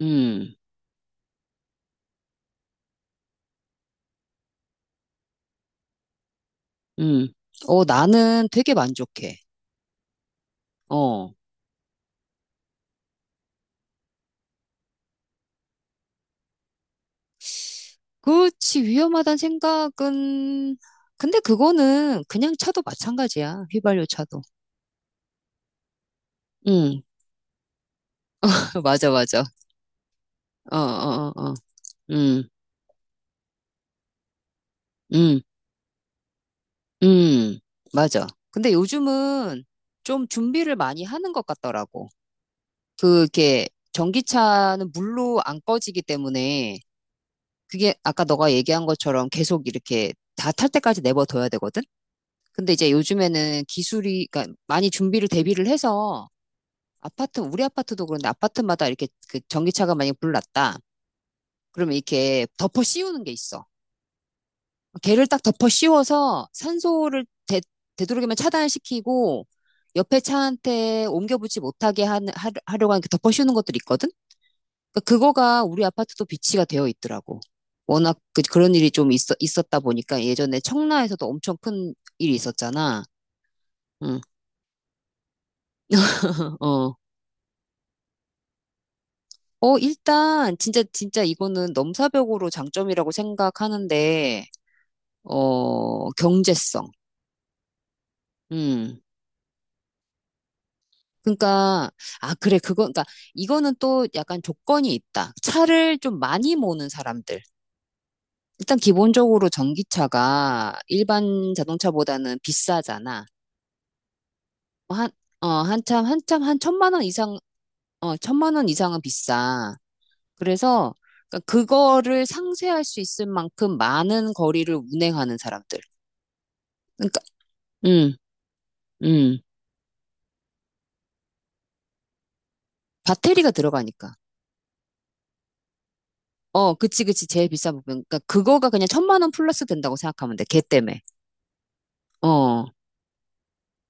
음, 음. 어, 나는 되게 만족해. 어. 그렇지, 위험하다는 생각은, 근데 그거는 그냥 차도 마찬가지야. 휘발유 차도. 응, 맞아, 맞아. 어, 어, 어, 어. 음, 음, 음. 맞아. 근데 요즘은 좀 준비를 많이 하는 것 같더라고. 그게, 전기차는 물로 안 꺼지기 때문에, 그게 아까 너가 얘기한 것처럼 계속 이렇게 다 탈 때까지 내버려둬야 되거든? 근데 이제 요즘에는 기술이, 그러니까 많이 준비를 대비를 해서 아파트, 우리 아파트도 그런데 아파트마다 이렇게 그 전기차가 만약에 불났다. 그러면 이렇게 덮어 씌우는 게 있어. 걔를 딱 덮어 씌워서 산소를 되도록이면 차단시키고 옆에 차한테 옮겨붙지 못하게 하려고 하는 그 덮어 씌우는 것들이 있거든? 그러니까 그거가 우리 아파트도 비치가 되어 있더라고. 워낙 그런 일이 좀 있었다 보니까 예전에 청라에서도 엄청 큰 일이 있었잖아. 응, 어. 어, 일단, 진짜, 진짜 이거는 넘사벽으로 장점이라고 생각하는데, 어, 경제성. 음. 그러니까, 아, 그래, 그거, 그러니까, 이거는 또 약간 조건이 있다. 차를 좀 많이 모는 사람들. 일단, 기본적으로 전기차가 일반 자동차보다는 비싸잖아. 어, 한참, 한참, 한 천만 원 이상, 어, 천만 원 이상은 비싸. 그래서, 그러니까 그거를 상쇄할 수 있을 만큼 많은 거리를 운행하는 사람들. 그러니까, 음. 음. 배터리가 들어가니까. 어, 그치, 그치. 제일 비싼 부분. 그러니까 그거가 그냥 천만 원 플러스 된다고 생각하면 돼. 걔 때문에. 어.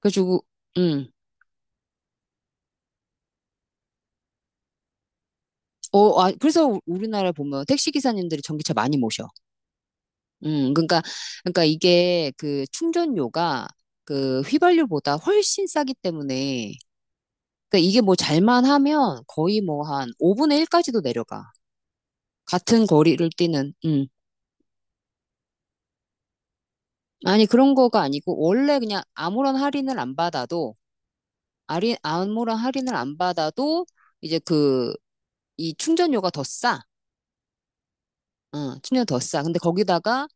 그래가지고, 음. 어, 아, 그래서 우리나라에 보면 택시 기사님들이 전기차 많이 모셔. 음, 그러니까, 그러니까 이게 그 충전료가 그 휘발유보다 훨씬 싸기 때문에, 그러니까 이게 뭐 잘만 하면 거의 뭐 한 5분의 1까지도 내려가. 같은 거리를 뛰는, 아니, 그런 거가 아니고, 원래 그냥 아무런 할인을 안 받아도 암호랑 할인을 안 받아도 이제 이 충전료가 더 싸. 응, 충전료 더 싸. 근데 거기다가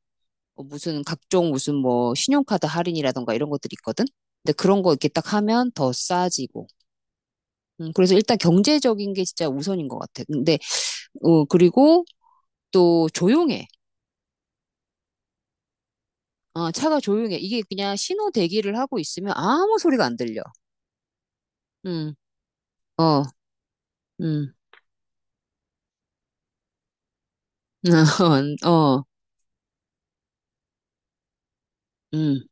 어, 무슨 각종 무슨 뭐 신용카드 할인이라던가 이런 것들이 있거든? 근데 그런 거 이렇게 딱 하면 더 싸지고. 그래서 일단 경제적인 게 진짜 우선인 것 같아. 근데, 어, 그리고 또 조용해. 어, 차가 조용해. 이게 그냥 신호 대기를 하고 있으면 아무 소리가 안 들려. 음, 어, 음, 어, 음.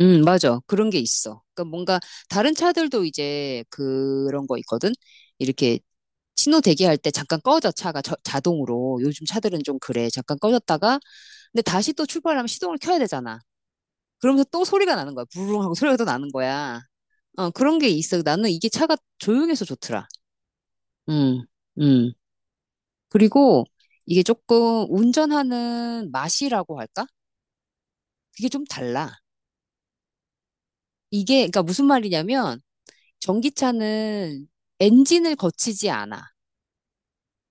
맞아. 그런 게 있어. 그러니까 뭔가 다른 차들도 이제 그런 거 있거든. 이렇게 신호 대기할 때 잠깐 꺼져 차가 자동으로. 요즘 차들은 좀 그래. 잠깐 꺼졌다가 근데 다시 또 출발하면 시동을 켜야 되잖아. 그러면서 또 소리가 나는 거야. 부르릉 하고 소리가 또 나는 거야. 어, 그런 게 있어. 나는 이게 차가 조용해서 좋더라. 음, 음. 그리고 이게 조금 운전하는 맛이라고 할까? 그게 좀 달라. 이게 그러니까 무슨 말이냐면 전기차는 엔진을 거치지 않아.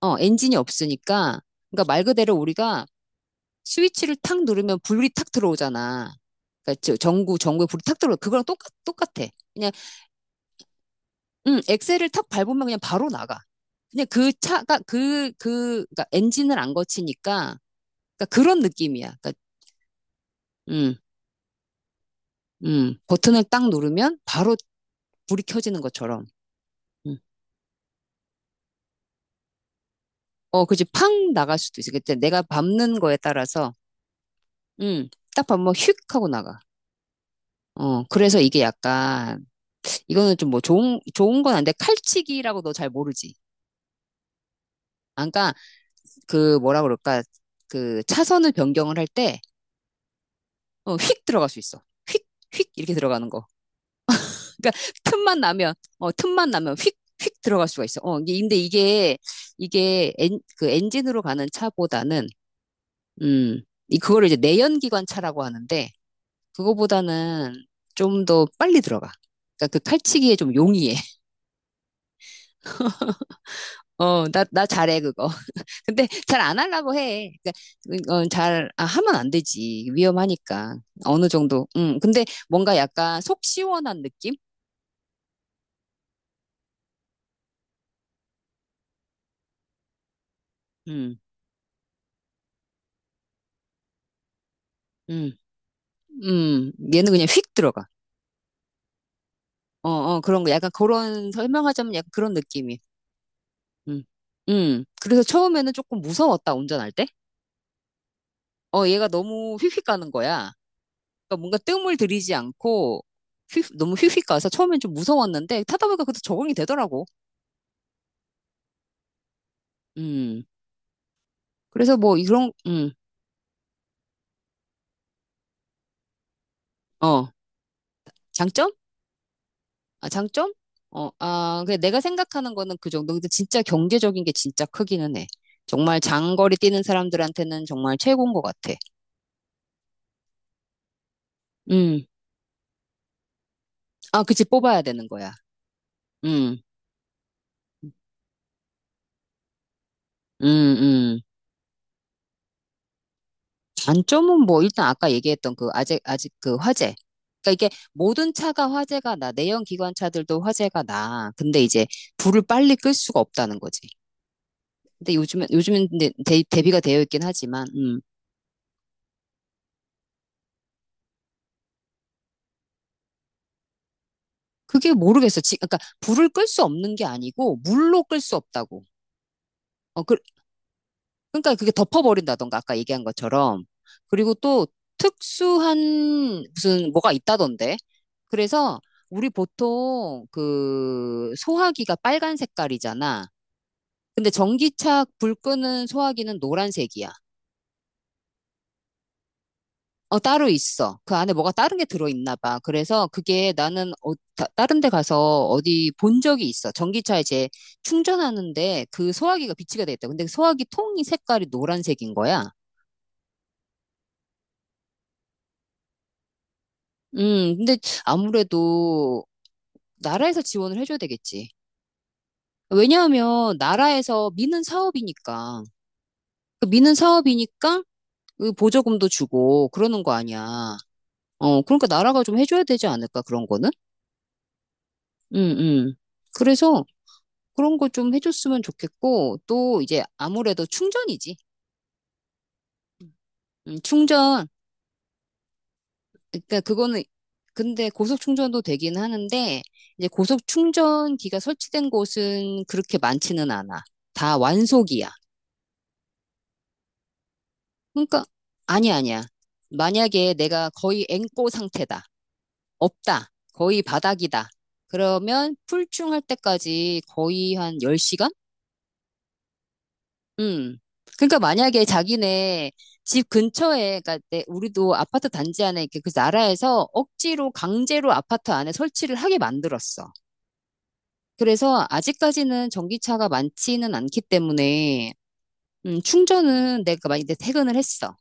어, 엔진이 없으니까. 그러니까 말 그대로 우리가 스위치를 탁 누르면 불이 탁 들어오잖아. 그러니까 전구에 불이 탁 들어오. 그거랑 똑같아. 그냥, 엑셀을 탁 밟으면 그냥 바로 나가. 그냥 그 차가, 그러니까 엔진을 안 거치니까. 그러니까 그런 느낌이야. 그러니까, 음, 버튼을 딱 누르면 바로 불이 켜지는 것처럼. 음. 어, 그지. 팡 나갈 수도 있어. 그때 내가 밟는 거에 따라서. 응, 딱 보면 휙 하고 나가. 어, 그래서 이게 약간, 이거는 좀 뭐 좋은 건 아닌데, 칼치기라고 너 잘 모르지. 아, 그러니까, 그 뭐라 그럴까, 그 차선을 변경을 할 때, 어, 휙 들어갈 수 있어. 휙, 휙 이렇게 들어가는 거. 그러니까, 틈만 나면, 틈만 나면 휙, 휙 들어갈 수가 있어. 어, 근데 이게 그 엔진으로 가는 차보다는, 음, 그거를 이제 내연기관 차라고 하는데, 그거보다는 좀 더 빨리 들어가. 그러니까 그 칼치기에 좀 용이해. 어, 나 잘해, 그거. 근데 잘 안 하려고 해. 그러니까, 어, 하면 안 되지. 위험하니까. 어느 정도. 근데 뭔가 약간 속 시원한 느낌? 음, 음, 얘는 그냥 휙 들어가. 어, 어, 그런 거. 약간 그런, 설명하자면 약간 그런 느낌이. 음, 그래서 처음에는 조금 무서웠다, 운전할 때. 어, 얘가 너무 휙휙 가는 거야. 그러니까 뭔가 뜸을 들이지 않고, 휙, 너무 휙휙 가서 처음엔 좀 무서웠는데, 타다 보니까 그래도 적응이 되더라고. 음. 그래서 뭐 이런 어. 장점? 아, 장점? 어, 아, 그 내가 생각하는 거는 그 정도. 근데 진짜 경제적인 게 진짜 크기는 해. 정말 장거리 뛰는 사람들한테는 정말 최고인 것 같아. 음. 아, 그치, 뽑아야 되는 거야. 음, 음, 음. 단점은 뭐, 일단 아까 얘기했던 그, 아직 그 화재. 그러니까 이게 모든 차가 화재가 나. 내연 기관차들도 화재가 나. 근데 이제 불을 빨리 끌 수가 없다는 거지. 근데 요즘엔 근데 대비가 되어 있긴 하지만, 그게 모르겠어. 그러니까 불을 끌 수 없는 게 아니고 물로 끌 수 없다고. 어, 그러니까 그게 덮어버린다던가 아까 얘기한 것처럼. 그리고 또 특수한 무슨 뭐가 있다던데. 그래서 우리 보통 그 소화기가 빨간 색깔이잖아. 근데 전기차 불 끄는 소화기는 노란색이야. 어, 따로 있어. 그 안에 뭐가 다른 게 들어있나 봐. 그래서 그게 나는 어, 다른 데 가서 어디 본 적이 있어. 전기차 이제 충전하는데 그 소화기가 비치가 돼 있다. 근데 그 소화기 통이 색깔이 노란색인 거야. 근데 아무래도 나라에서 지원을 해줘야 되겠지. 왜냐하면 나라에서 미는 사업이니까. 그 미는 사업이니까 그 보조금도 주고 그러는 거 아니야. 어, 그러니까 나라가 좀 해줘야 되지 않을까, 그런 거는? 음, 음. 그래서 그런 거 좀 해줬으면 좋겠고, 또 이제 아무래도 충전이지. 충전. 그러니까 그거는, 근데 고속 충전도 되긴 하는데, 이제 고속 충전기가 설치된 곳은 그렇게 많지는 않아. 다 완속이야. 그러니까, 아니야, 아니야. 만약에 내가 거의 앵꼬 상태다. 없다. 거의 바닥이다. 그러면 풀충할 때까지 거의 한 10시간? 음. 그러니까 만약에 자기네 집 근처에, 그러니까 우리도 아파트 단지 안에 이렇게 그 나라에서 억지로 강제로 아파트 안에 설치를 하게 만들었어. 그래서 아직까지는 전기차가 많지는 않기 때문에 충전은 내가 만약에 퇴근을 했어.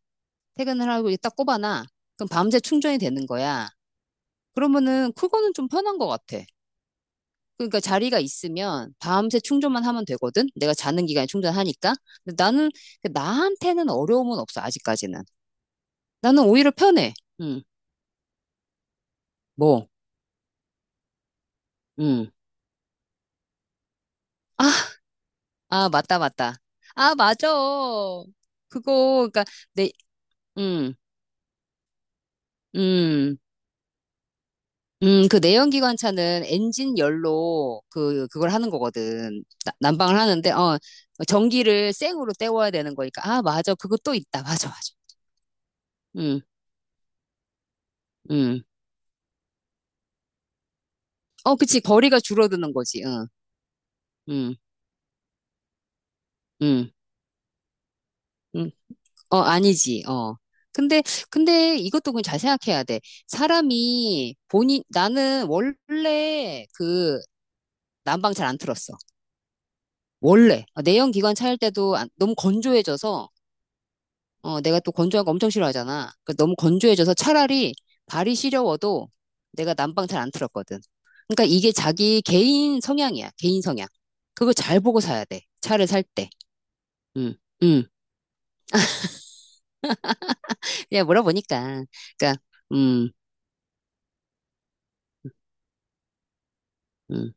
퇴근을 하고 이제 딱 꼽아놔. 그럼 밤새 충전이 되는 거야. 그러면은 그거는 좀 편한 것 같아. 그러니까 자리가 있으면 밤새 충전만 하면 되거든. 내가 자는 기간에 충전하니까. 근데 나는 나한테는 어려움은 없어, 아직까지는. 나는 오히려 편해. 응, 뭐, 응. 아, 아, 맞다, 맞다. 아, 맞아. 그니까, 내, 음, 음, 그 내연기관차는 엔진 열로 그걸 하는 거거든. 난방을 하는데, 어, 전기를 생으로 때워야 되는 거니까. 아, 맞아. 그거 또 있다. 맞아, 맞아. 음, 음. 어, 그치. 거리가 줄어드는 거지. 응, 응, 응. 어, 아니지, 어. 근데, 근데 이것도 그냥 잘 생각해야 돼. 사람이 본인, 나는 원래 그 난방 잘 안 틀었어. 원래. 어, 내연기관 차일 때도 너무 건조해져서, 어, 내가 또 건조한 거 엄청 싫어하잖아. 그 너무 건조해져서 차라리 발이 시려워도 내가 난방 잘 안 틀었거든. 그러니까 이게 자기 개인 성향이야. 개인 성향. 그걸 잘 보고 사야 돼. 차를 살 때. 음, 음. 그냥 물어보니까. 그러니까, 음, 음,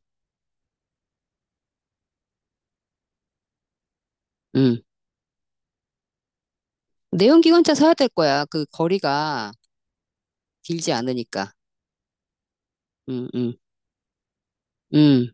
음. 내연기관차 사야 될 거야. 그 거리가 길지 않으니까. 음, 음, 음.